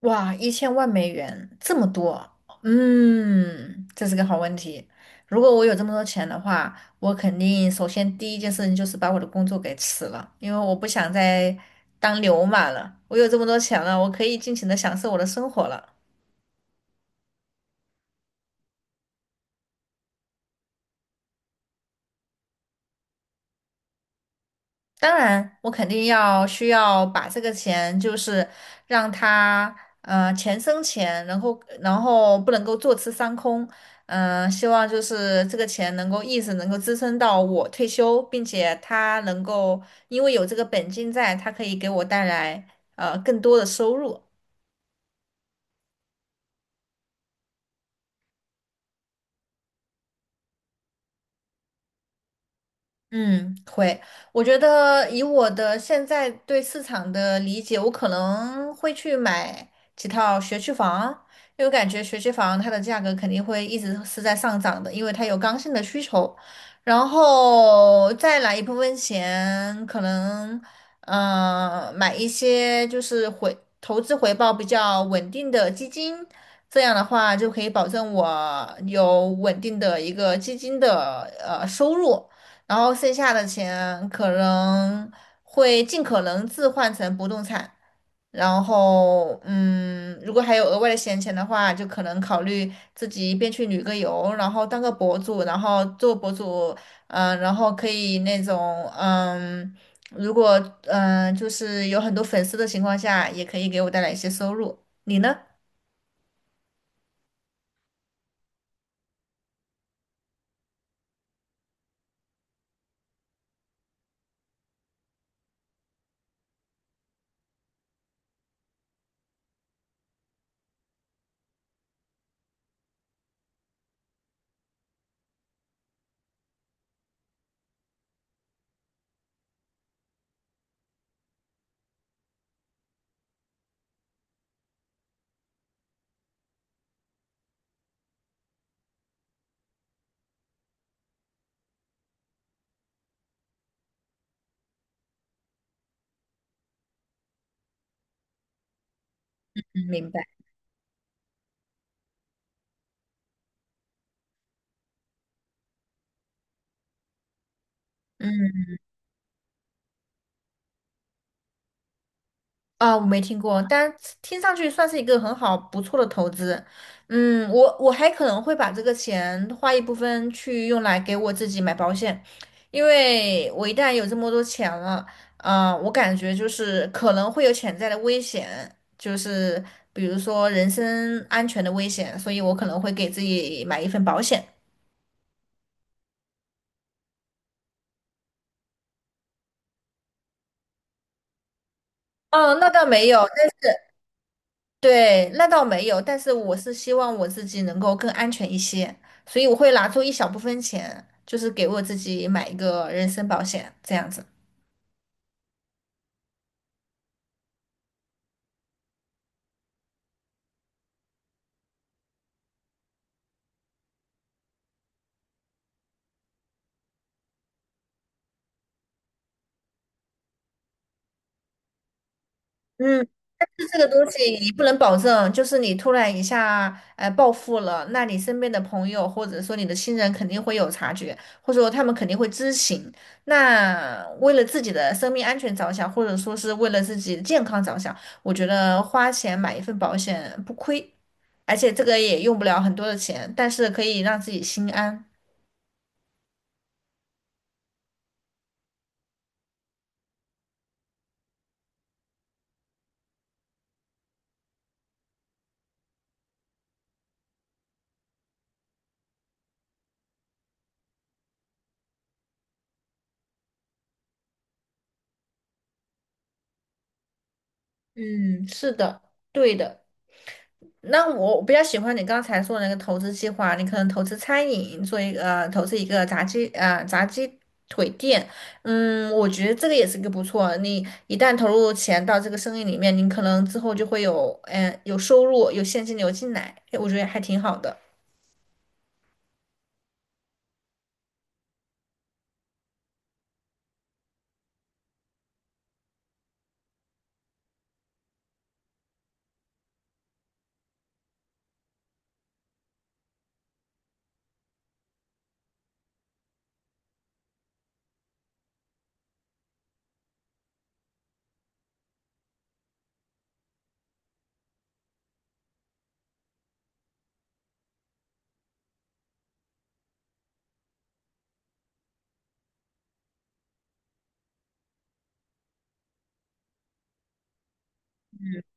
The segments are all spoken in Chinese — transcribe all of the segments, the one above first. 哇，1000万美元这么多，嗯，这是个好问题。如果我有这么多钱的话，我肯定首先第一件事情就是把我的工作给辞了，因为我不想再当牛马了。我有这么多钱了，我可以尽情的享受我的生活了。当然，我肯定要需要把这个钱，就是让它钱生钱，然后不能够坐吃山空，希望就是这个钱能够一直能够支撑到我退休，并且它能够因为有这个本金在，它可以给我带来更多的收入。嗯，会。我觉得以我的现在对市场的理解，我可能会去买几套学区房，因为我感觉学区房它的价格肯定会一直是在上涨的，因为它有刚性的需求。然后再来一部分钱，可能买一些就是投资回报比较稳定的基金，这样的话就可以保证我有稳定的一个基金的收入。然后剩下的钱可能会尽可能置换成不动产，然后如果还有额外的闲钱的话，就可能考虑自己一边去旅个游，然后当个博主，然后做博主，然后可以那种嗯，如果就是有很多粉丝的情况下，也可以给我带来一些收入。你呢？嗯，明白。嗯。啊，我没听过，但听上去算是一个很好不错的投资。嗯，我还可能会把这个钱花一部分去用来给我自己买保险，因为我一旦有这么多钱了，我感觉就是可能会有潜在的危险，就是比如说人身安全的危险，所以我可能会给自己买一份保险。哦，那倒没有，对，那倒没有，但是我是希望我自己能够更安全一些，所以我会拿出一小部分钱，就是给我自己买一个人身保险，这样子。嗯，是这个东西你不能保证，就是你突然一下暴富了，那你身边的朋友或者说你的亲人肯定会有察觉，或者说他们肯定会知情。那为了自己的生命安全着想，或者说是为了自己的健康着想，我觉得花钱买一份保险不亏。而且这个也用不了很多的钱，但是可以让自己心安。嗯，是的，对的。那我比较喜欢你刚才说的那个投资计划，你可能投资餐饮，做一个呃投资一个炸鸡腿店，嗯，我觉得这个也是一个不错。你一旦投入钱到这个生意里面，你可能之后就会有有收入，有现金流进来，我觉得还挺好的。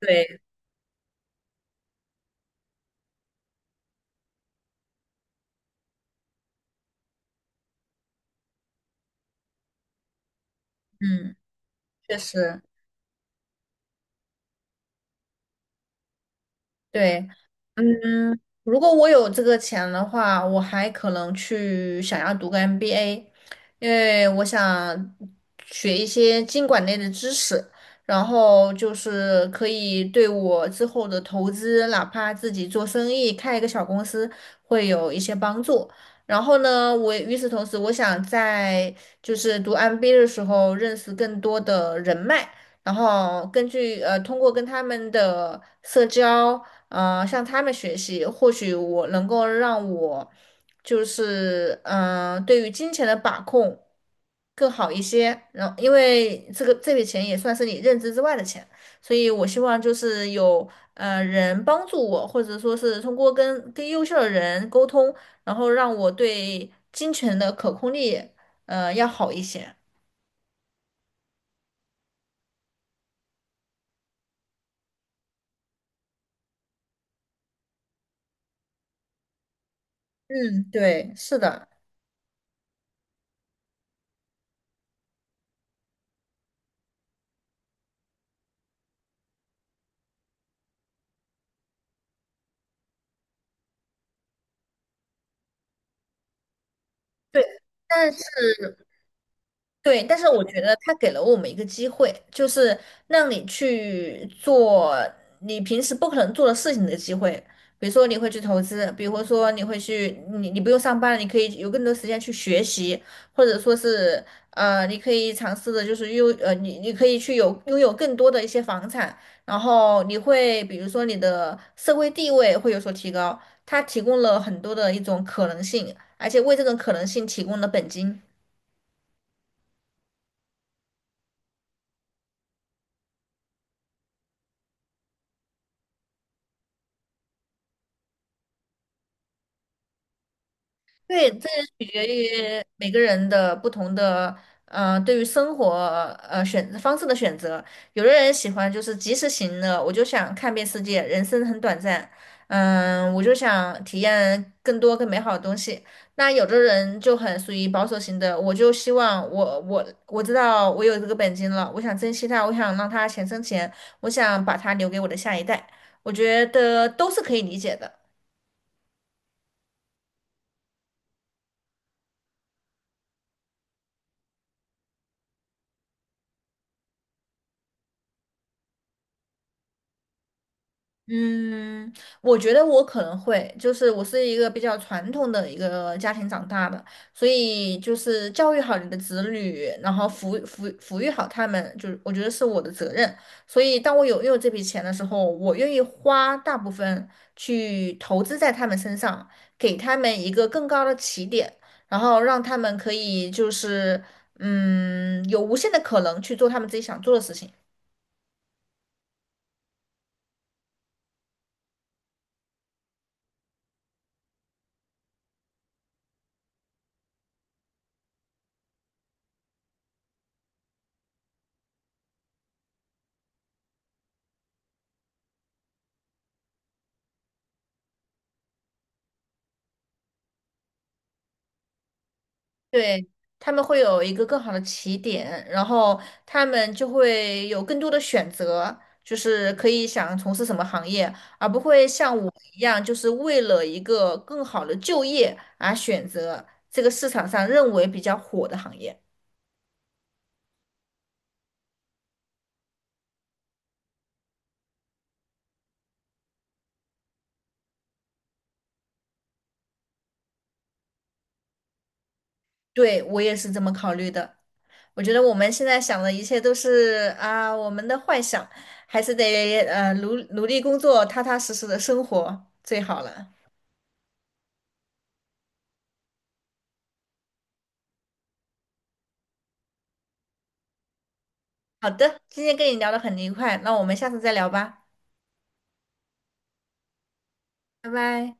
对，嗯，确实，对。嗯，如果我有这个钱的话，我还可能去想要读个 MBA,因为我想学一些经管类的知识，然后就是可以对我之后的投资，哪怕自己做生意，开一个小公司，会有一些帮助。然后呢，我与此同时，我想在就是读 MBA 的时候认识更多的人脉。然后通过跟他们的社交，向他们学习，或许我能够让我就是对于金钱的把控更好一些。然后，因为这个这笔钱也算是你认知之外的钱，所以我希望就是有人帮助我，或者说是通过跟优秀的人沟通，然后让我对金钱的可控力要好一些。嗯，对，是的。对。但是。对，但是我觉得他给了我们一个机会，就是让你去做你平时不可能做的事情的机会。比如说你会去投资，比如说你会去，你不用上班了，你可以有更多时间去学习，或者说是你可以尝试的就是你可以去拥有更多的一些房产，然后你会比如说你的社会地位会有所提高，它提供了很多的一种可能性，而且为这种可能性提供了本金。对，这取决于每个人的不同的，对于生活方式的选择。有的人喜欢就是及时行乐，我就想看遍世界，人生很短暂，嗯，我就想体验更多更美好的东西。那有的人就很属于保守型的，我就希望我知道我有这个本金了，我想珍惜它，我想让它钱生钱，我想把它留给我的下一代。我觉得都是可以理解的。嗯，我觉得我可能会，就是我是一个比较传统的一个家庭长大的，所以就是教育好你的子女，然后抚育好他们，就是我觉得是我的责任。所以当我有拥有这笔钱的时候，我愿意花大部分去投资在他们身上，给他们一个更高的起点，然后让他们可以就是有无限的可能去做他们自己想做的事情。对，他们会有一个更好的起点，然后他们就会有更多的选择，就是可以想从事什么行业，而不会像我一样，就是为了一个更好的就业而选择这个市场上认为比较火的行业。对，我也是这么考虑的。我觉得我们现在想的一切都是啊，我们的幻想，还是得努力工作，踏踏实实的生活最好了。好的，今天跟你聊得很愉快，那我们下次再聊吧，拜拜。